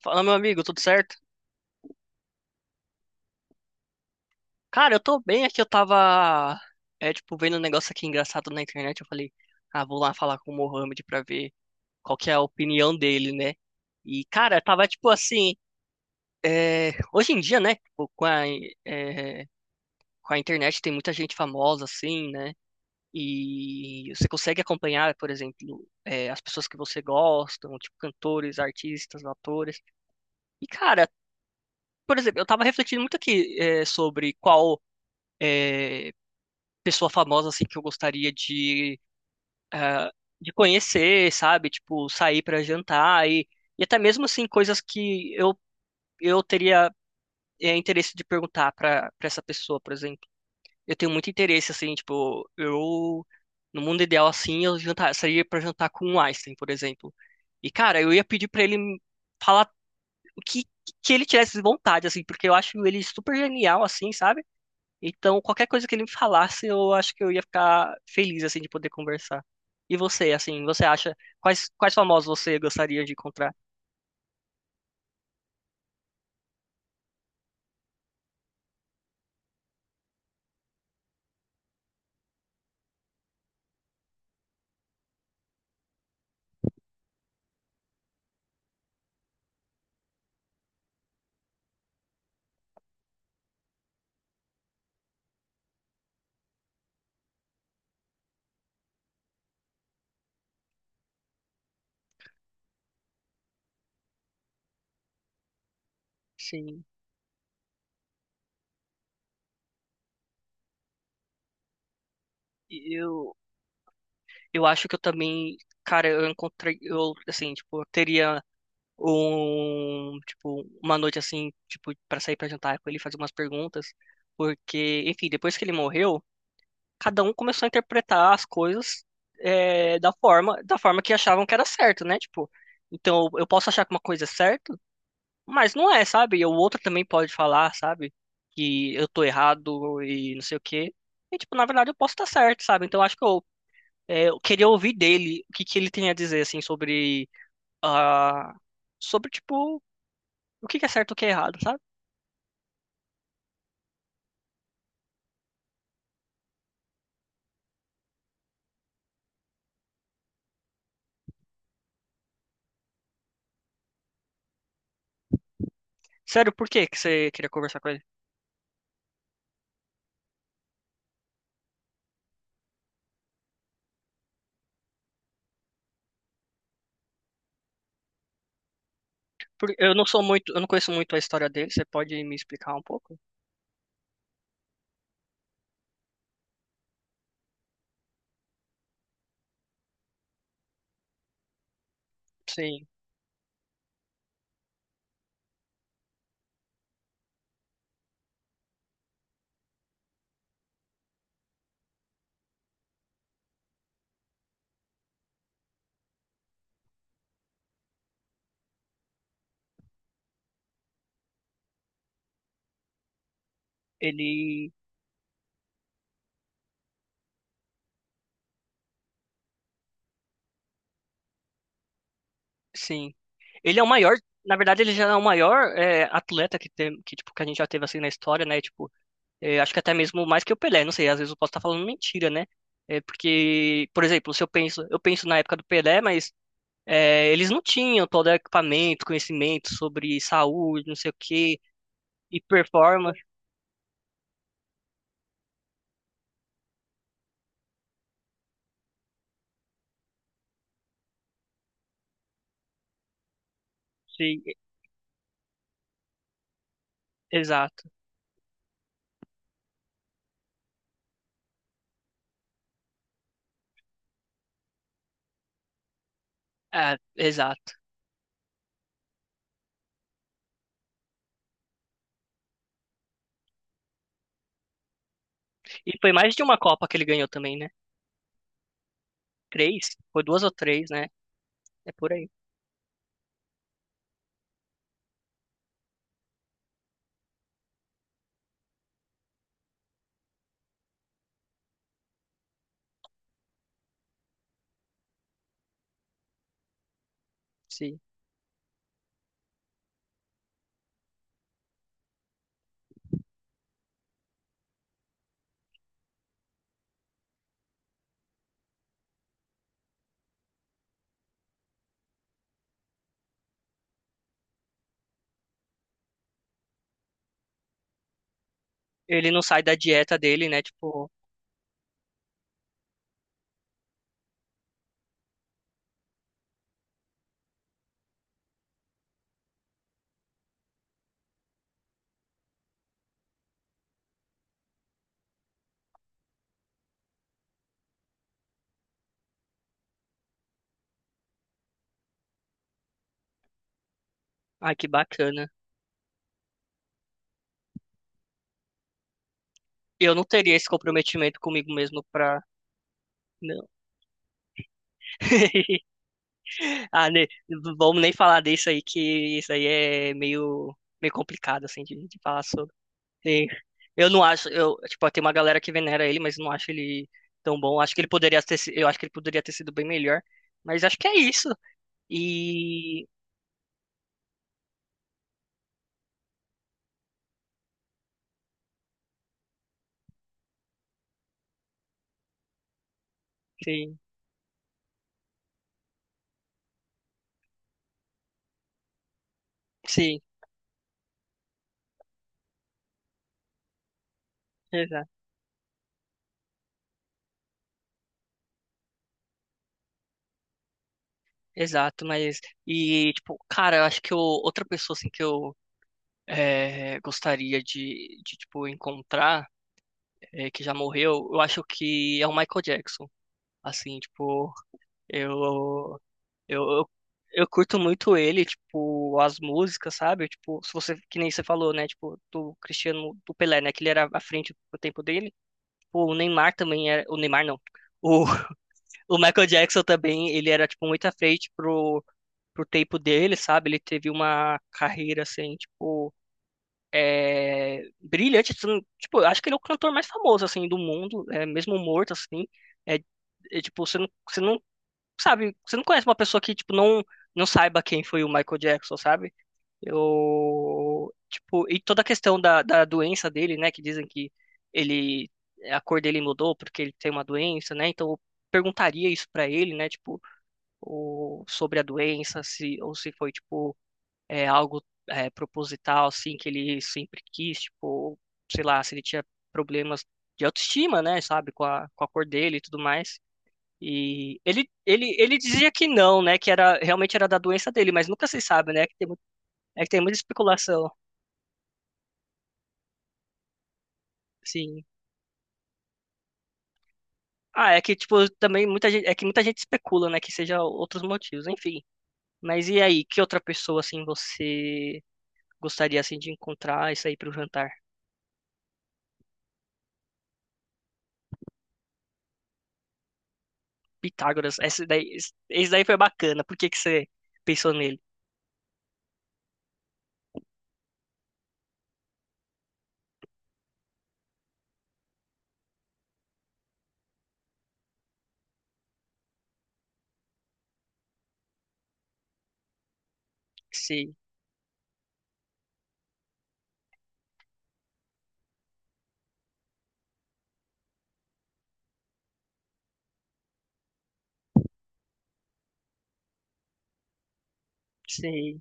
Fala, meu amigo, tudo certo? Cara, eu tô bem aqui, eu tava, tipo, vendo um negócio aqui engraçado na internet. Eu falei, ah, vou lá falar com o Mohamed pra ver qual que é a opinião dele, né? E, cara, tava, tipo, assim, hoje em dia, né, tipo, é, com a internet tem muita gente famosa, assim, né? E você consegue acompanhar, por exemplo, as pessoas que você gosta, tipo, cantores, artistas, atores. E, cara, por exemplo, eu tava refletindo muito aqui, é, sobre qual pessoa famosa assim que eu gostaria de, ah, de conhecer, sabe? Tipo, sair para jantar e até mesmo assim coisas que eu teria interesse de perguntar para essa pessoa, por exemplo. Eu tenho muito interesse assim, tipo, eu no mundo ideal assim, eu jantar, sairia para jantar com o Einstein, por exemplo. E cara, eu ia pedir para ele falar o que que ele tivesse vontade assim, porque eu acho ele super genial assim, sabe? Então, qualquer coisa que ele me falasse, eu acho que eu ia ficar feliz, assim, de poder conversar. E você, assim, você acha, quais famosos você gostaria de encontrar? Sim, eu, eu acho que eu também, cara, eu encontrei, eu, assim, tipo, eu teria um, tipo, uma noite, assim, tipo, para sair pra jantar com ele, e fazer umas perguntas, porque, enfim, depois que ele morreu, cada um começou a interpretar as coisas, é, da forma que achavam que era certo, né? Tipo, então, eu posso achar que uma coisa é certa, mas não é, sabe? E o outro também pode falar, sabe? Que eu tô errado e não sei o quê. E, tipo, na verdade eu posso estar certo, sabe? Então acho que eu, é, eu queria ouvir dele o que que ele tem a dizer, assim, sobre, ah, sobre, tipo, o que que é certo e o que é errado, sabe? Sério, por que que você queria conversar com ele? Porque eu não sou muito, eu não conheço muito a história dele. Você pode me explicar um pouco? Sim, ele, sim. Ele é o maior, na verdade ele já é o maior é, atleta que tem, que, tipo, que a gente já teve, assim, na história, né? Tipo, é, acho que até mesmo mais que o Pelé, não sei, às vezes eu posso estar falando mentira, né? É porque, por exemplo, se eu penso, na época do Pelé, mas é, eles não tinham todo o equipamento, conhecimento sobre saúde, não sei o quê, e performance, e- exato, exato. E foi mais de uma Copa que ele ganhou também, né? Três, foi duas ou três, né? É por aí, sim. Ele não sai da dieta dele, né? Tipo, ai, que bacana. Eu não teria esse comprometimento comigo mesmo pra, não. Ah, ne- vamos nem falar disso aí, que isso aí é meio, meio complicado, assim, de falar sobre. E eu não acho, eu, tipo, tem uma galera que venera ele, mas não acho ele tão bom. Acho que ele poderia ter, si- eu acho que ele poderia ter sido bem melhor, mas acho que é isso. E, sim, sim, exato, exato, mas, e, tipo, cara, eu acho que eu- outra pessoa, assim, que eu gostaria de, tipo, encontrar, que já morreu, eu acho que é o Michael Jackson. Assim, tipo, Eu, eu, eu, eu curto muito ele, tipo, as músicas, sabe? Tipo, se você, que nem você falou, né? Tipo, do Cristiano, do Pelé, né? Que ele era à frente pro tempo dele. Pô, o Neymar também era, o Neymar não. O, o Michael Jackson também, ele era, tipo, muito à frente pro, pro tempo dele, sabe? Ele teve uma carreira, assim, tipo, é, brilhante, assim. Tipo, eu acho que ele é o cantor mais famoso, assim, do mundo, é, mesmo morto, assim. É, é, tipo, você não sabe, você não conhece uma pessoa que, tipo, não, não saiba quem foi o Michael Jackson, sabe? Eu, tipo, e toda a questão da doença dele, né, que dizem que ele, a cor dele mudou porque ele tem uma doença, né, então eu perguntaria isso pra ele, né, tipo, o, sobre a doença, se, ou se foi, tipo, é, algo é, proposital, assim, que ele sempre quis, tipo, sei lá, se ele tinha problemas de autoestima, né, sabe, com a cor dele e tudo mais. E ele dizia que não, né? Que era realmente era da doença dele, mas nunca se sabe, né? É que tem, mu- é que tem muita especulação, assim. Ah, é que tipo também muita gente, é que muita gente especula, né? Que seja outros motivos, enfim. Mas e aí, que outra pessoa assim você gostaria assim de encontrar isso aí pro jantar? Pitágoras, esse daí, esse daí foi bacana. Por que que você pensou nele? Se, se,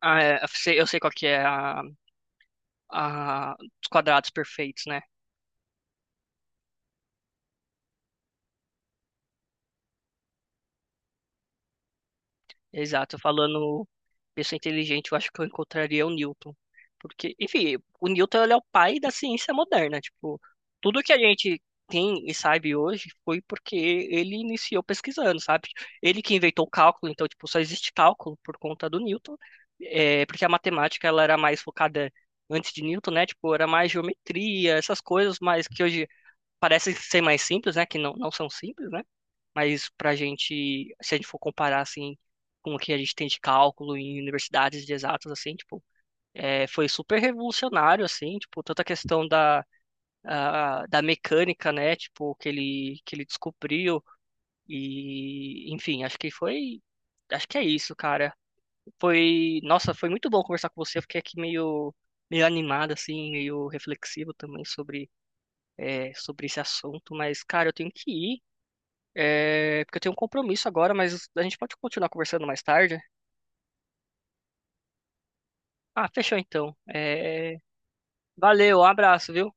ah, é, eu sei qual que é a, os quadrados perfeitos, né? Exato, falando pessoa inteligente, eu acho que eu encontraria o Newton. Porque, enfim, o Newton ele é o pai da ciência moderna. Tipo, tudo que a gente tem e sabe hoje foi porque ele iniciou pesquisando, sabe? Ele que inventou o cálculo, então, tipo, só existe cálculo por conta do Newton. É, porque a matemática, ela era mais focada antes de Newton, né? Tipo, era mais geometria, essas coisas, mas que hoje parecem ser mais simples, né? Que não, não são simples, né? Mas pra gente, se a gente for comparar, assim, com o que a gente tem de cálculo em universidades de exatas, assim, tipo, é, foi super revolucionário, assim, tipo, toda a questão da, a- da mecânica, né, tipo, que ele descobriu e, enfim, acho que foi, acho que é isso, cara. Foi, nossa, foi muito bom conversar com você. Eu fiquei aqui meio... meio animado, assim, meio reflexivo também sobre, é, sobre esse assunto, mas, cara, eu tenho que ir. É, porque eu tenho um compromisso agora, mas a gente pode continuar conversando mais tarde. Ah, fechou então. É, valeu, um abraço, viu?